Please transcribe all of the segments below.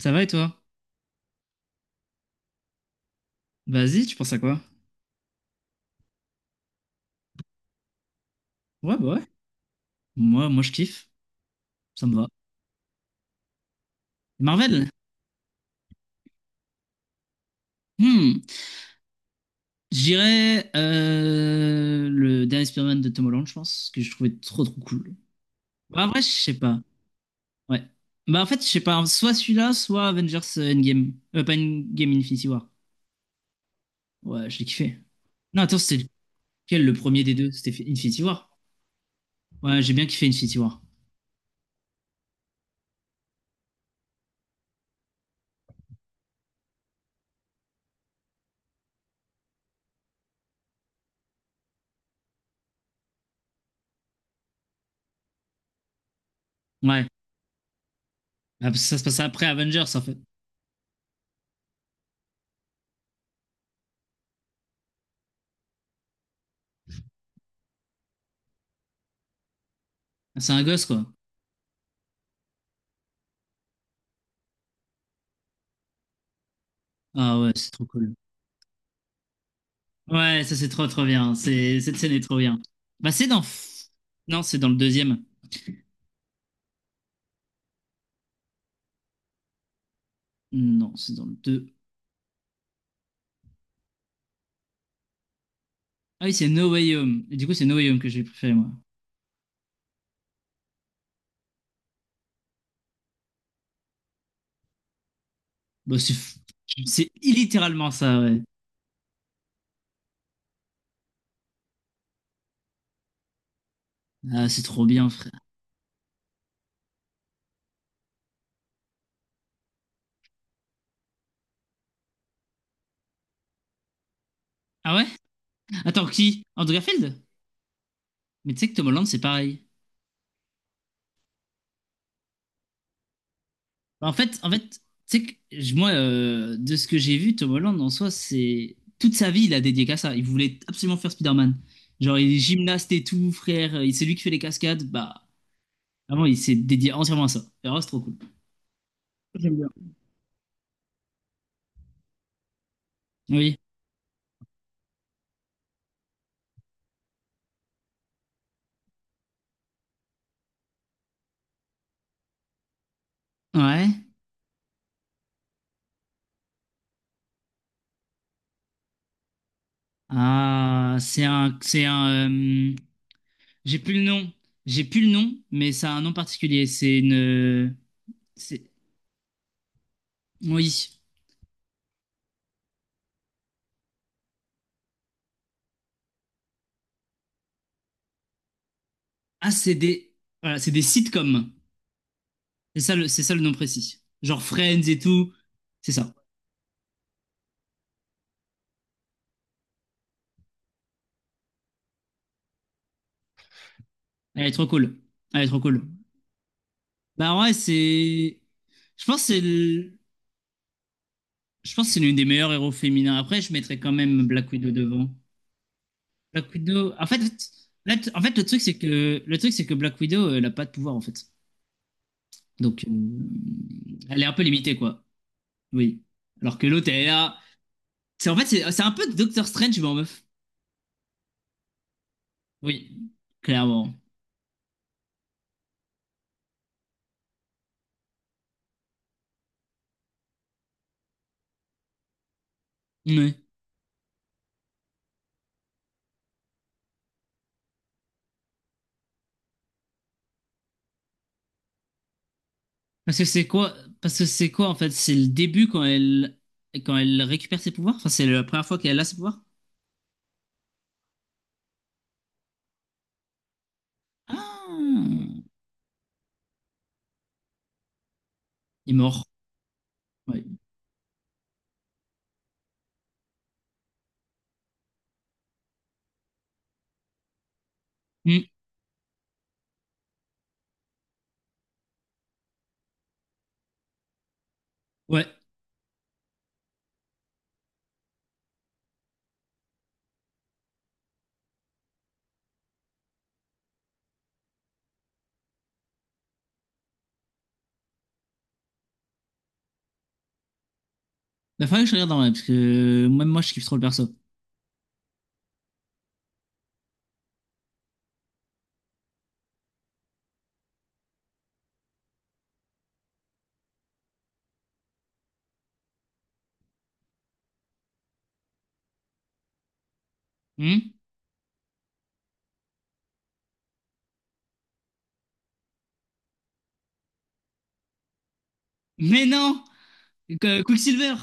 Ça va et toi? Vas-y, tu penses à quoi? Ouais, bah ouais. Moi, je kiffe. Ça me va. Marvel? Hmm. Je dirais le dernier Spider-Man de Tom Holland, je pense, que je trouvais trop trop cool. Bah, après, je sais pas. Ouais. Bah, en fait, je sais pas. Soit celui-là, soit Avengers Endgame. Pas Endgame, Infinity War. Ouais, je l'ai kiffé. Non, attends, c'était lequel le premier des deux? C'était Infinity War. Ouais, j'ai bien kiffé Infinity War. Ouais. Ah, parce que ça se passe après Avengers, en fait. C'est un gosse, quoi. Ah ouais, c'est trop cool. Ouais, ça c'est trop trop bien. C'est cette scène est trop bien. Bah c'est dans Non c'est dans le deuxième. Non c'est dans le deux. Ah oui c'est No Way Home. Et du coup c'est No Way Home que j'ai préféré moi. Bah c'est c'est littéralement ça ouais. Ah c'est trop bien frère. Ah ouais? Attends qui? Andrew Garfield? Mais tu sais que Tom Holland c'est pareil. Bah, en fait tu sais que je- moi de ce que j'ai vu Tom Holland en soi c'est toute sa vie il a dédié qu'à ça. Il voulait absolument faire Spider-Man. Genre il est gymnaste et tout frère. Et c'est lui qui fait les cascades bah. Vraiment, il s'est dédié entièrement à ça. Et alors, c'est trop cool. J'aime bien. Oui. Ouais. Ah, c'est un, c'est un. J'ai plus le nom. J'ai plus le nom, mais ça a un nom particulier. C'est une. C'est. Oui. Ah, c'est des. Voilà, c'est des sitcoms. C'est ça le nom précis. Genre Friends et tout. C'est ça. Elle est trop cool. Elle est trop cool. Bah ouais, c'est. Je pense que c'est. le- Je pense que c'est l'une des meilleures héros féminins. Après, je mettrais quand même Black Widow devant. Black Widow. En fait, en fait, le truc, c'est que Black Widow, elle n'a pas de pouvoir, en fait. Donc, elle est un peu limitée, quoi. Oui. Alors que l'autre, elle est là. C'est, en fait, c'est un peu Doctor Strange, mais en meuf. Oui, clairement. Oui. Parce que c'est quoi, parce que c'est quoi, en fait? C'est le début quand elle récupère ses pouvoirs? Enfin, c'est la première fois qu'elle a ses pouvoirs? Ah, il est mort. Ouais. Hmm. Ouais. Bah, faudrait que je regarde en vrai, parce que même moi, je kiffe trop le perso. Hmm. Mais non! Qu- Quicksilver,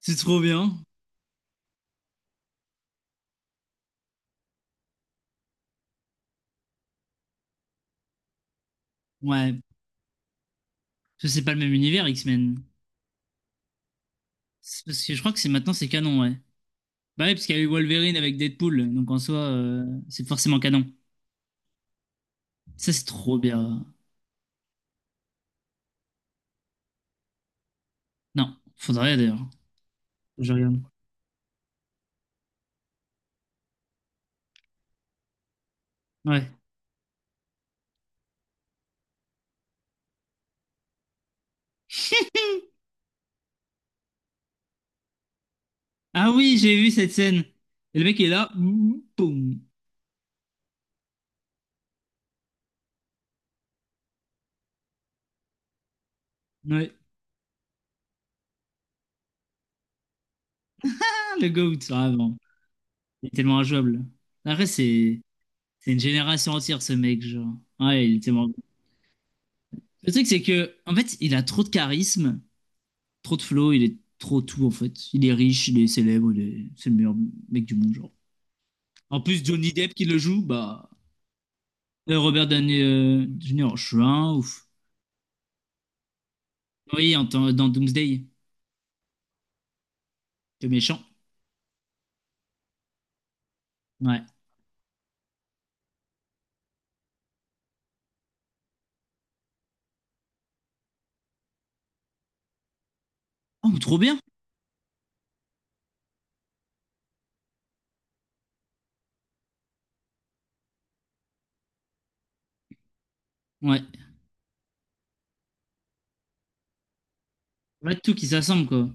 c'est trop bien. Ouais, ça c'est pas le même univers X-Men. C'est parce que je crois que c'est maintenant c'est canon, ouais. Bah ouais, parce qu'il y a eu Wolverine avec Deadpool, donc en soi c'est forcément canon. Ça c'est trop bien. Non, faudrait d'ailleurs. Faut que je regarde. Ouais. Ah oui, j'ai vu cette scène. Et le mec est là, boum, boum. Ouais. Ah, le GOAT, ah, bon. Il est tellement injouable. Après c'est une génération entière ce mec, genre. Ouais, il est tellement. Le truc c'est que en fait il a trop de charisme. Trop de flow, il est trop tout en fait. Il est riche, il est célèbre, il est- c'est le meilleur mec du monde, genre. En plus, Johnny Depp qui le joue, bah. Robert Downey Jr., je suis un ouf. Oui, dans Doomsday, le méchant. Ouais. Oh, mais trop bien! Ouais. En tout qui s'assemble, quoi.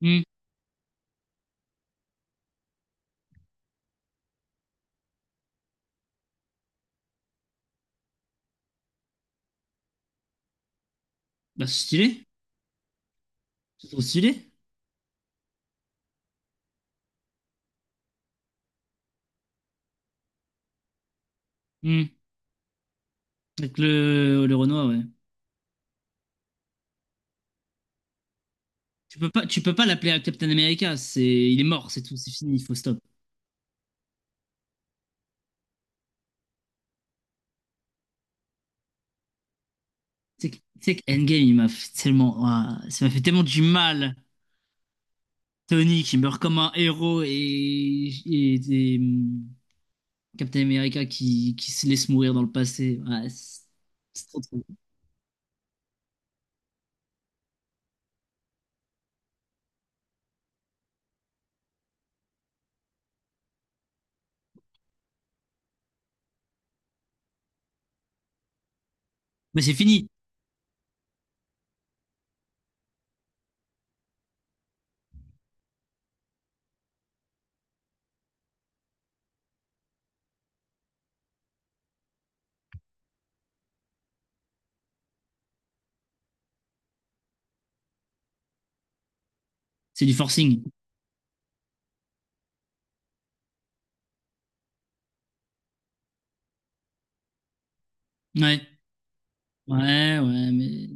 Hmm. Bah, c'est stylé. C'est trop stylé. Hmm. Avec le Renoir, ouais. Tu peux pas l'appeler Captain America. Il est mort, c'est tout, c'est fini, il faut stop. Tu sais que Endgame, il m'a fait tellement, ah, ça m'a fait tellement du mal. Tony qui meurt comme un héros et, Captain America qui se laisse mourir dans le passé. C'est trop trop. Mais c'est fini, c'est du forcing. Ouais, ouais, ouais, mais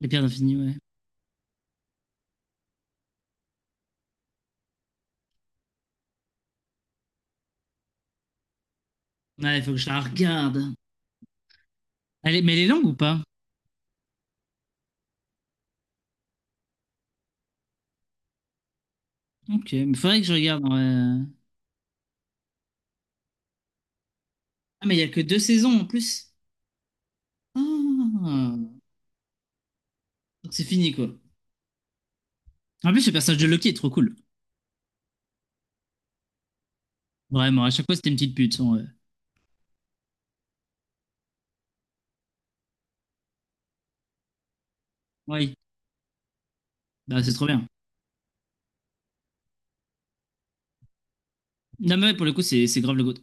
les pierres d'infini, ouais. Ouais, il faut que je la regarde. Elle est- mais elle est longue ou pas? Ok, mais faudrait que je regarde, ouais. Ah, mais il y a que deux saisons en plus. Ah, donc c'est fini quoi. En plus, le personnage de Loki est trop cool. Vraiment, à chaque fois c'était une petite pute. Son. Oui, bah c'est trop bien. Non, mais ouais, pour le coup, c'est grave le goût.